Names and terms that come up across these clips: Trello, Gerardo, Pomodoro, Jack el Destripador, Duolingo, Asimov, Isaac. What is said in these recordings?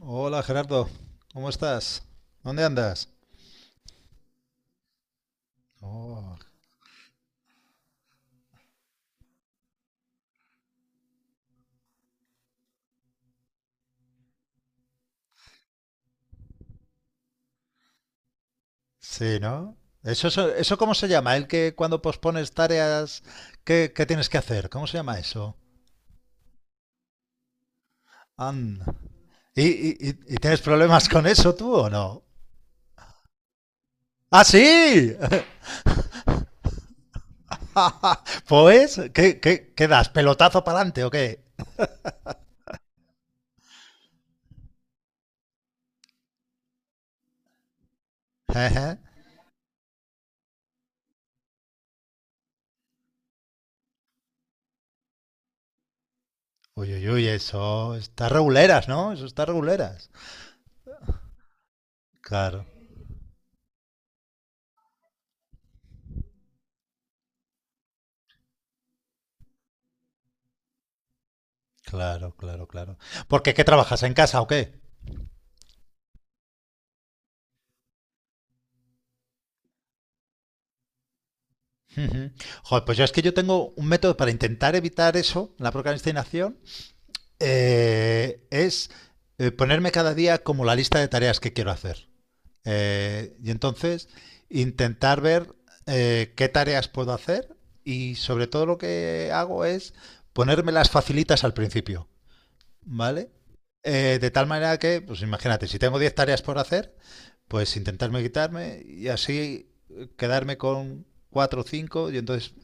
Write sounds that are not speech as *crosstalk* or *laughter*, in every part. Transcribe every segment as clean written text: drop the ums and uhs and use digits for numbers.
Hola Gerardo, ¿cómo estás? ¿Dónde andas? Oh, sí, ¿no? ¿Eso cómo se llama? El que cuando pospones tareas ¿qué tienes que hacer, ¿cómo se llama eso? Anda. ¿Y tienes problemas con eso tú o no? ¡Ah, sí! *laughs* Pues, ¿qué das? ¿Pelotazo para adelante o qué? *laughs* Ejé. Uy, uy, uy, eso está reguleras, ¿no? Eso está reguleras. Claro, claro, claro, claro. ¿Por qué? ¿Qué trabajas en casa o qué? Ujú. Joder, pues yo es que yo tengo un método para intentar evitar eso, la procrastinación, es ponerme cada día como la lista de tareas que quiero hacer. Y entonces intentar ver qué tareas puedo hacer, y sobre todo lo que hago es ponérmelas facilitas al principio. ¿Vale? De tal manera que, pues imagínate, si tengo 10 tareas por hacer, pues intentarme quitarme y así quedarme con 4 o cinco, y entonces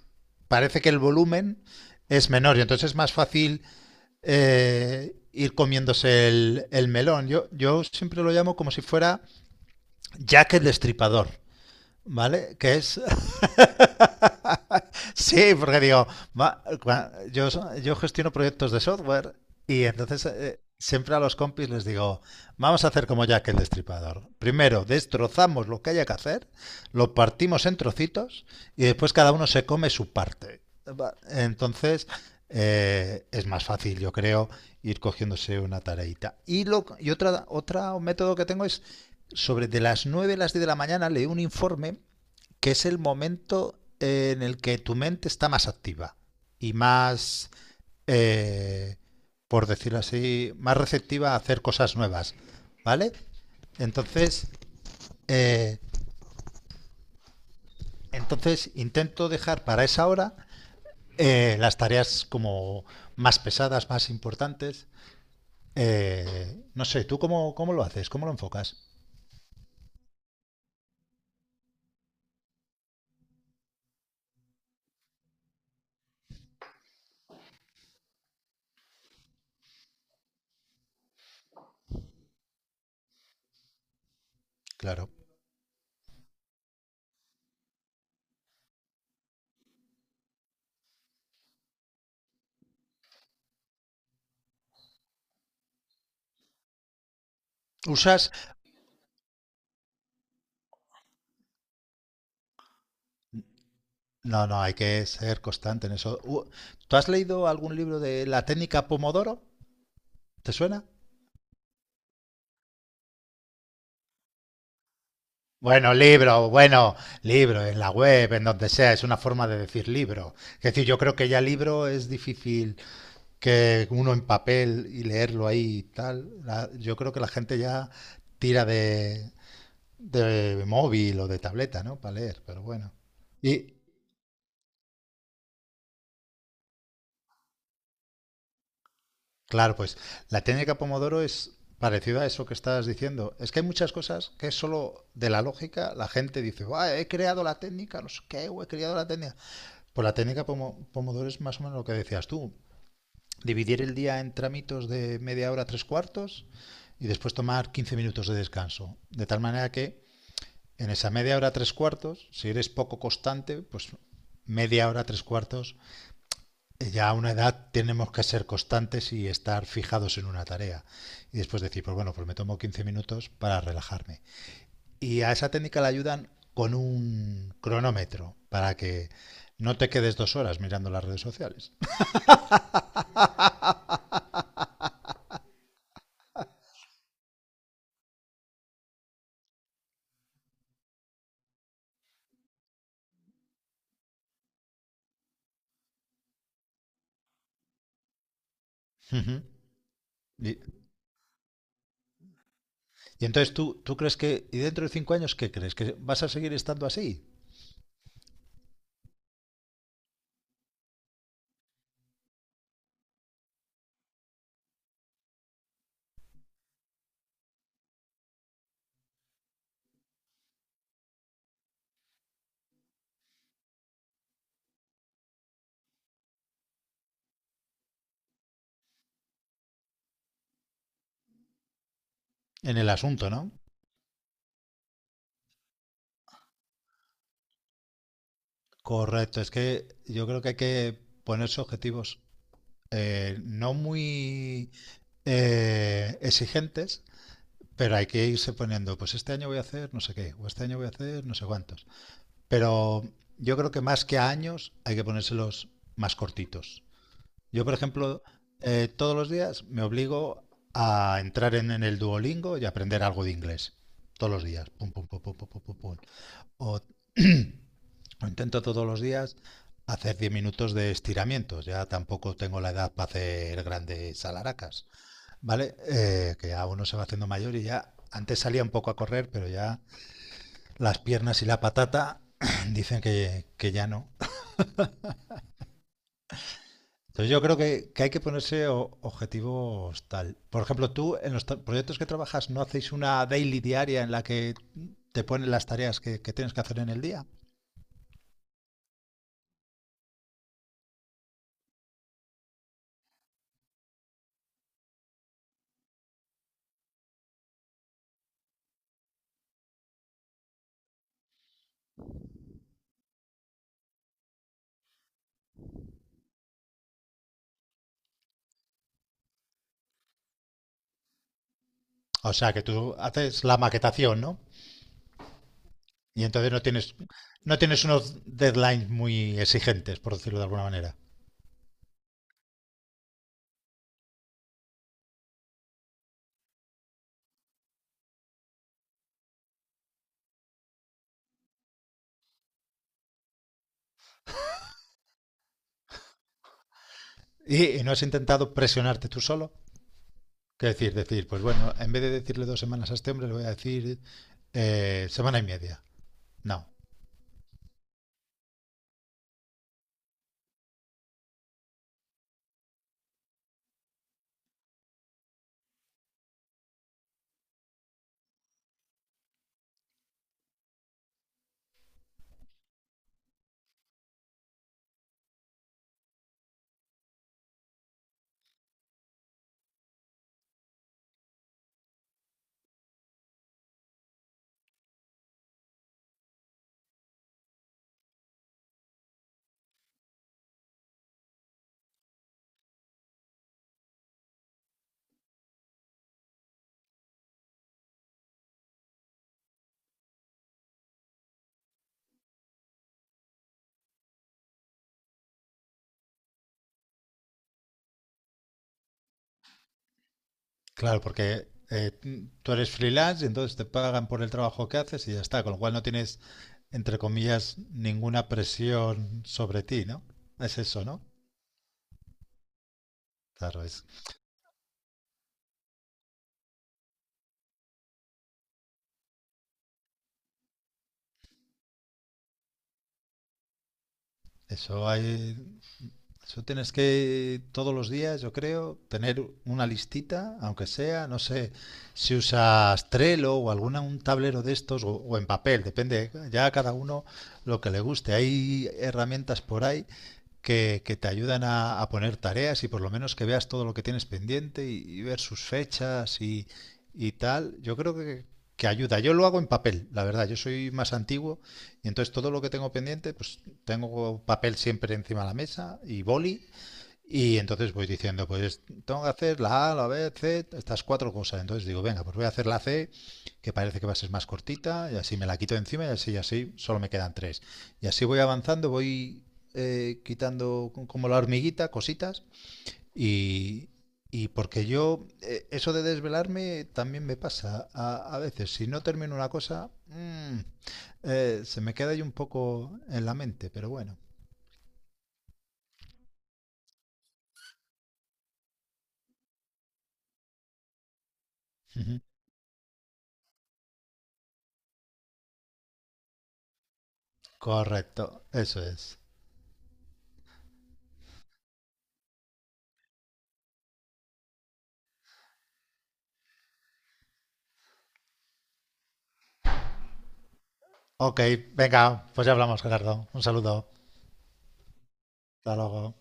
parece que el volumen es menor y entonces es más fácil ir comiéndose el melón. Yo siempre lo llamo como si fuera Jack el Destripador, ¿vale? Que es... Sí, porque digo, yo gestiono proyectos de software y entonces siempre a los compis les digo, vamos a hacer como Jack el Destripador. Primero destrozamos lo que haya que hacer, lo partimos en trocitos y después cada uno se come su parte. Entonces es más fácil, yo creo, ir cogiéndose una tareita. Y otro método que tengo es sobre de las 9 a las 10 de la mañana leo un informe, que es el momento en el que tu mente está más activa y más, eh, por decirlo así, más receptiva a hacer cosas nuevas, ¿vale? Entonces, eh, entonces intento dejar para esa hora las tareas como más pesadas, más importantes. No sé, ¿tú cómo lo haces? ¿Cómo lo enfocas? Claro. ¿Usas? No, no, hay que ser constante en eso. ¿Tú has leído algún libro de la técnica Pomodoro? ¿Te suena? Bueno, libro, bueno, libro, en la web, en donde sea, es una forma de decir libro. Es decir, yo creo que ya libro es difícil, que uno en papel y leerlo ahí y tal. Yo creo que la gente ya tira de móvil o de tableta, ¿no? Para leer, pero bueno. Y claro, pues la técnica Pomodoro es parecida a eso que estabas diciendo. Es que hay muchas cosas que es solo de la lógica. La gente dice: "Buah, he creado la técnica, no sé qué, o he creado la técnica". Pues la técnica Pomodoro es más o menos lo que decías tú. Dividir el día en tramitos de media hora, tres cuartos, y después tomar 15 minutos de descanso. De tal manera que en esa media hora, tres cuartos, si eres poco constante, pues media hora, tres cuartos, ya a una edad tenemos que ser constantes y estar fijados en una tarea. Y después decir, pues bueno, pues me tomo 15 minutos para relajarme. Y a esa técnica la ayudan con un cronómetro para que no te quedes 2 horas mirando las redes sociales. Ujú. Y, y entonces tú crees que, y dentro de 5 años, ¿qué crees? ¿Que vas a seguir estando así? En el asunto, ¿no? Correcto, es que yo creo que hay que ponerse objetivos no muy exigentes, pero hay que irse poniendo, pues este año voy a hacer no sé qué, o este año voy a hacer no sé cuántos. Pero yo creo que más que a años hay que ponérselos más cortitos. Yo, por ejemplo, todos los días me obligo a entrar en el Duolingo y aprender algo de inglés. Todos los días. Pum, pum, pum, pum, pum, pum, pum, pum. O, *clears throat* o intento todos los días hacer 10 minutos de estiramientos. Ya tampoco tengo la edad para hacer grandes alaracas. ¿Vale? Que ya uno se va haciendo mayor y ya antes salía un poco a correr, pero ya las piernas y la patata *clears throat* dicen que ya no. Entonces yo creo que hay que ponerse objetivos tal. Por ejemplo, tú en los proyectos que trabajas, ¿no hacéis una daily diaria en la que te ponen las tareas que tienes que hacer en el día? O sea, que tú haces la maquetación, ¿no? Y entonces no tienes, no tienes unos deadlines muy exigentes, por decirlo de alguna manera. Y no has intentado presionarte tú solo. ¿Qué decir? Decir, pues bueno, en vez de decirle 2 semanas a este hombre, le voy a decir semana y media. No, claro, porque tú eres freelance y entonces te pagan por el trabajo que haces y ya está, con lo cual no tienes, entre comillas, ninguna presión sobre ti, ¿no? Es eso, ¿no? Claro, es, eso hay, eso tienes que todos los días, yo creo, tener una listita, aunque sea, no sé, si usas Trello o alguna un tablero de estos o en papel, depende ya a cada uno lo que le guste. Hay herramientas por ahí que te ayudan a poner tareas y por lo menos que veas todo lo que tienes pendiente y ver sus fechas y tal. Yo creo que ayuda. Yo lo hago en papel, la verdad. Yo soy más antiguo y entonces todo lo que tengo pendiente, pues tengo papel siempre encima de la mesa y boli, y entonces voy diciendo, pues tengo que hacer la A, la B, C, estas cuatro cosas. Entonces digo, venga, pues voy a hacer la C, que parece que va a ser más cortita, y así me la quito de encima, y así, solo me quedan tres. Y así voy avanzando, voy quitando como la hormiguita, cositas, y, y porque yo, eso de desvelarme también me pasa a veces. Si no termino una cosa, se me queda ahí un poco en la mente, pero bueno. Ujú. Correcto, eso es. Ok, venga, pues ya hablamos, Gerardo. Un saludo. Hasta luego.